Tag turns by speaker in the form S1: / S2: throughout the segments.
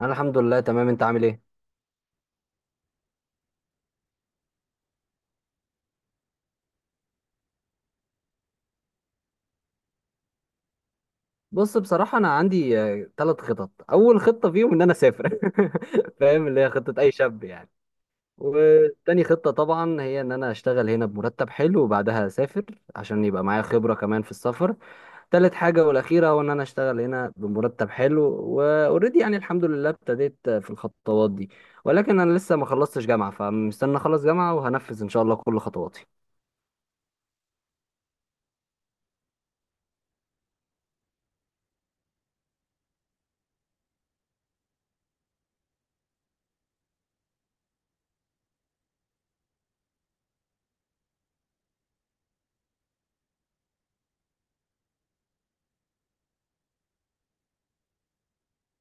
S1: انا الحمد لله تمام. انت عامل ايه؟ بص بصراحه انا عندي ثلاث خطط. اول خطه فيهم ان انا اسافر. فاهم، اللي هي خطه اي شاب يعني. وتاني خطه طبعا هي ان انا اشتغل هنا بمرتب حلو وبعدها اسافر، عشان يبقى معايا خبره كمان في السفر. تالت حاجه والاخيره هو ان انا اشتغل هنا بمرتب حلو، واوريدي يعني الحمد لله ابتديت في الخطوات دي. ولكن انا لسه ما خلصتش جامعه، فمستني اخلص جامعه وهنفذ ان شاء الله كل خطواتي.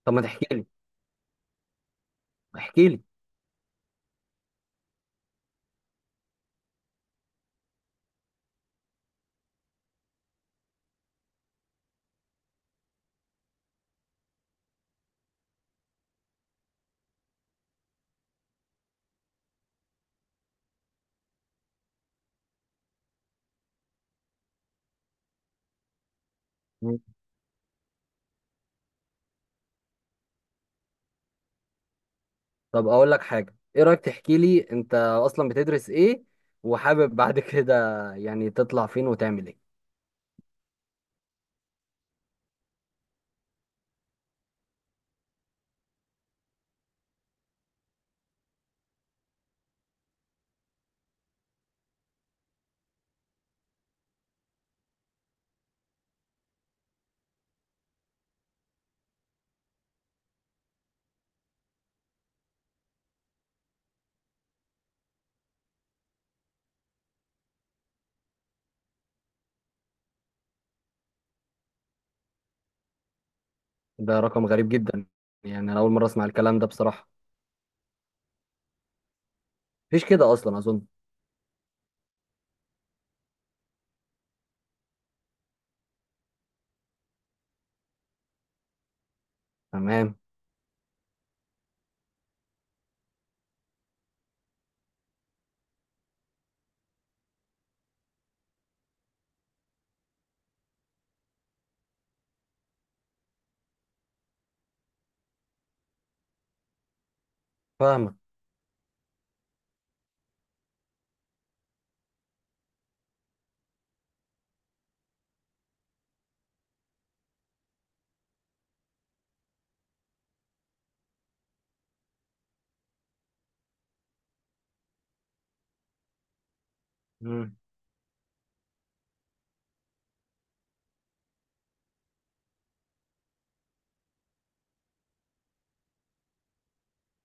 S1: طب ما تحكي لي، احكي لي. طب اقول لك حاجه، ايه رايك تحكي لي انت اصلا بتدرس ايه، وحابب بعد كده يعني تطلع فين وتعمل ايه؟ ده رقم غريب جدا. يعني انا اول مره اسمع الكلام ده بصراحه، مفيش كده اصلا اظن. تمام. فاهمك. مم.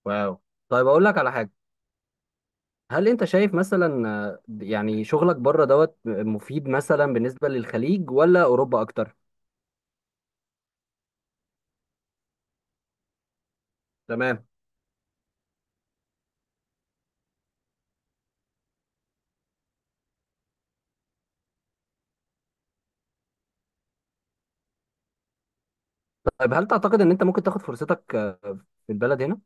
S1: واو. طيب اقول لك على حاجه. هل انت شايف مثلا يعني شغلك بره دوت مفيد مثلا بالنسبه للخليج ولا اوروبا اكتر؟ تمام. طيب هل تعتقد ان انت ممكن تاخد فرصتك في البلد هنا؟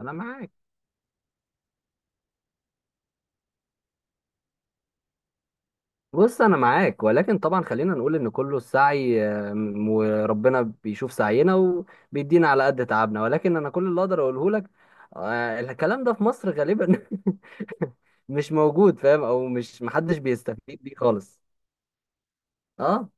S1: انا معاك. بص انا معاك، ولكن طبعا خلينا نقول ان كله السعي، وربنا بيشوف سعينا وبيدينا على قد تعبنا. ولكن انا كل اللي اقدر اقوله لك، الكلام ده في مصر غالبا مش موجود، فاهم، او مش محدش بيستفيد بيه خالص. اه.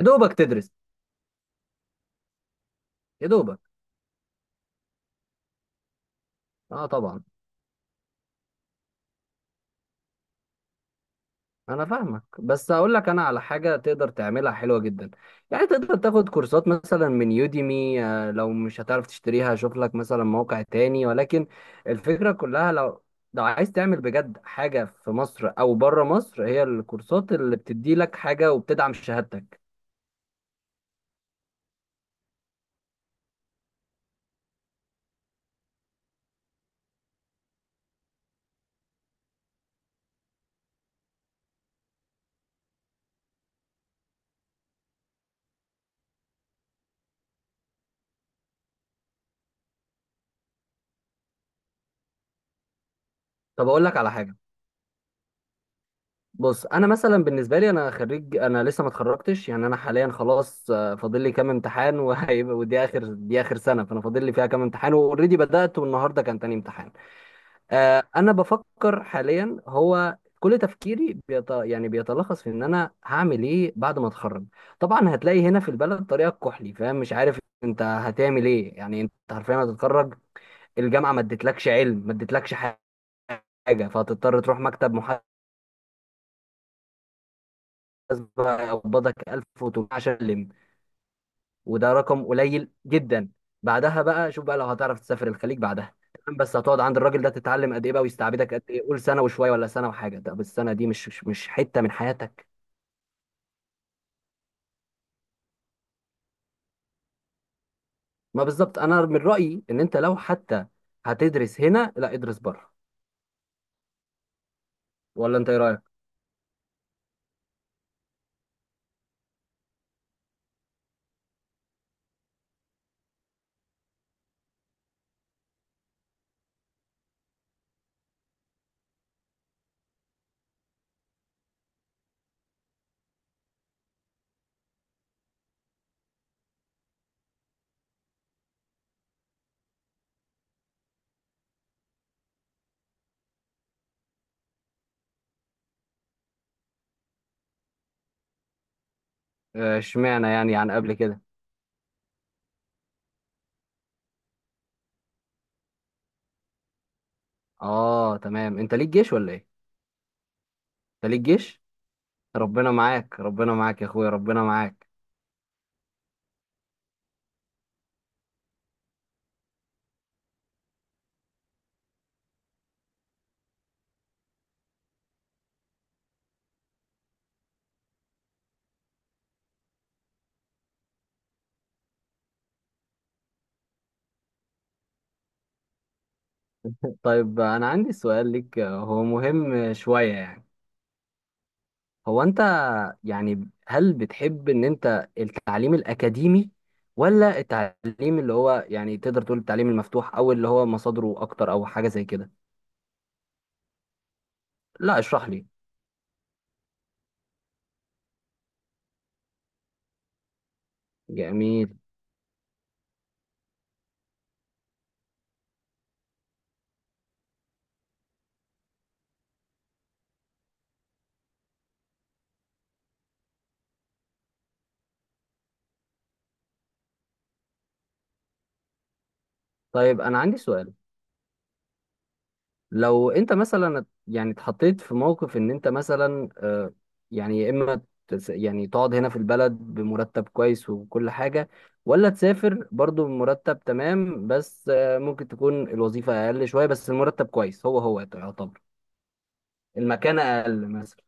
S1: يا دوبك تدرس. يا دوبك. اه طبعا. انا فاهمك، بس هقول لك انا على حاجه تقدر تعملها حلوه جدا. يعني تقدر تاخد كورسات مثلا من يوديمي، لو مش هتعرف تشتريها شوف لك مثلا موقع تاني. ولكن الفكره كلها لو، لو عايز تعمل بجد حاجه في مصر او بره مصر، هي الكورسات اللي بتدي لك حاجه وبتدعم شهادتك. طب اقول لك على حاجه. بص انا مثلا بالنسبه لي انا خريج، انا لسه ما اتخرجتش. يعني انا حاليا خلاص، فاضل لي كام امتحان وهيبقى ودي اخر، دي اخر سنه، فانا فاضل لي فيها كام امتحان. واوريدي بدات، والنهارده كان تاني امتحان. انا بفكر حاليا، هو كل تفكيري يعني بيتلخص في ان انا هعمل ايه بعد ما اتخرج. طبعا هتلاقي هنا في البلد طريقه كحلي، فاهم، مش عارف انت هتعمل ايه. يعني انت حرفيا هتتخرج، الجامعه ما ادتلكش علم، ما ادتلكش حاجه، فهتضطر تروح مكتب محاسبه يقبضك 1000 وتقول عشان تلم. وده رقم قليل جدا. بعدها بقى شوف بقى لو هتعرف تسافر الخليج بعدها، تمام، بس هتقعد عند الراجل ده تتعلم قد ايه بقى، ويستعبدك قد ايه؟ قول سنه وشويه ولا سنه وحاجه. طب السنه دي مش حته من حياتك؟ ما بالظبط. انا من رايي ان انت لو حتى هتدرس هنا، لا ادرس بره. ولا انت ايه رايك؟ اشمعنى يعني عن قبل كده؟ اه تمام. انت ليك جيش ولا ايه؟ انت ليك جيش. ربنا معاك، ربنا معاك يا اخويا، ربنا معاك. طيب انا عندي سؤال ليك، هو مهم شويه يعني. هو انت، يعني هل بتحب ان انت التعليم الاكاديمي، ولا التعليم اللي هو، يعني تقدر تقول التعليم المفتوح، او اللي هو مصادره اكتر، او حاجة زي كده؟ لا اشرح لي. جميل. طيب انا عندي سؤال. لو انت مثلا يعني اتحطيت في موقف ان انت مثلا، يعني يا اما يعني تقعد هنا في البلد بمرتب كويس وكل حاجة، ولا تسافر برضو بمرتب تمام، بس ممكن تكون الوظيفة اقل شوية بس المرتب كويس، هو هو يعتبر المكانة أقل مثلا.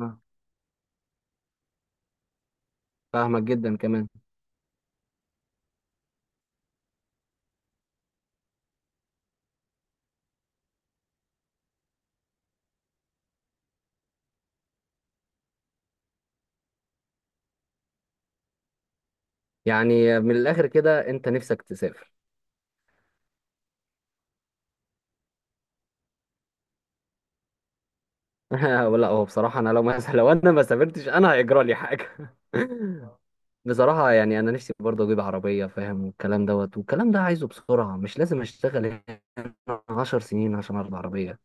S1: آه، فاهمك جدا كمان. يعني من الآخر كده أنت نفسك تسافر. ولا هو بصراحة أنا لو مثلا، لو أنا ما سافرتش أنا هيجرى لي حاجة؟ بصراحة يعني أنا نفسي برضه أجيب عربية، فاهم، والكلام دوت، والكلام ده عايزه بسرعة، مش لازم أشتغل هنا 10 سنين عشان أربع عربية.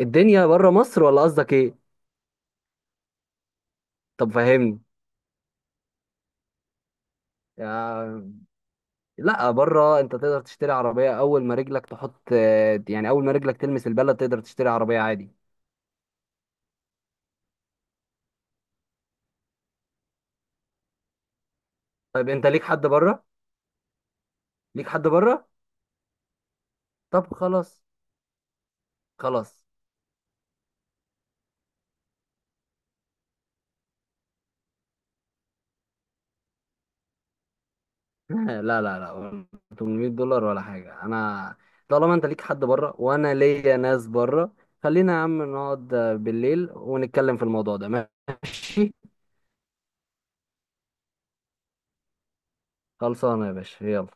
S1: الدنيا بره مصر ولا قصدك إيه؟ طب فهمني. يا- لا بره أنت تقدر تشتري عربية أول ما رجلك تحط، يعني أول ما رجلك تلمس البلد تقدر تشتري عربية عادي؟ طيب أنت ليك حد بره؟ ليك حد بره. طب خلاص، خلاص. لا لا لا، 800 دولار ولا حاجه. انا طالما انت ليك حد بره وانا ليا ناس بره، خلينا يا عم نقعد بالليل ونتكلم في الموضوع ده، ماشي؟ خلصانه يا باشا، يلا.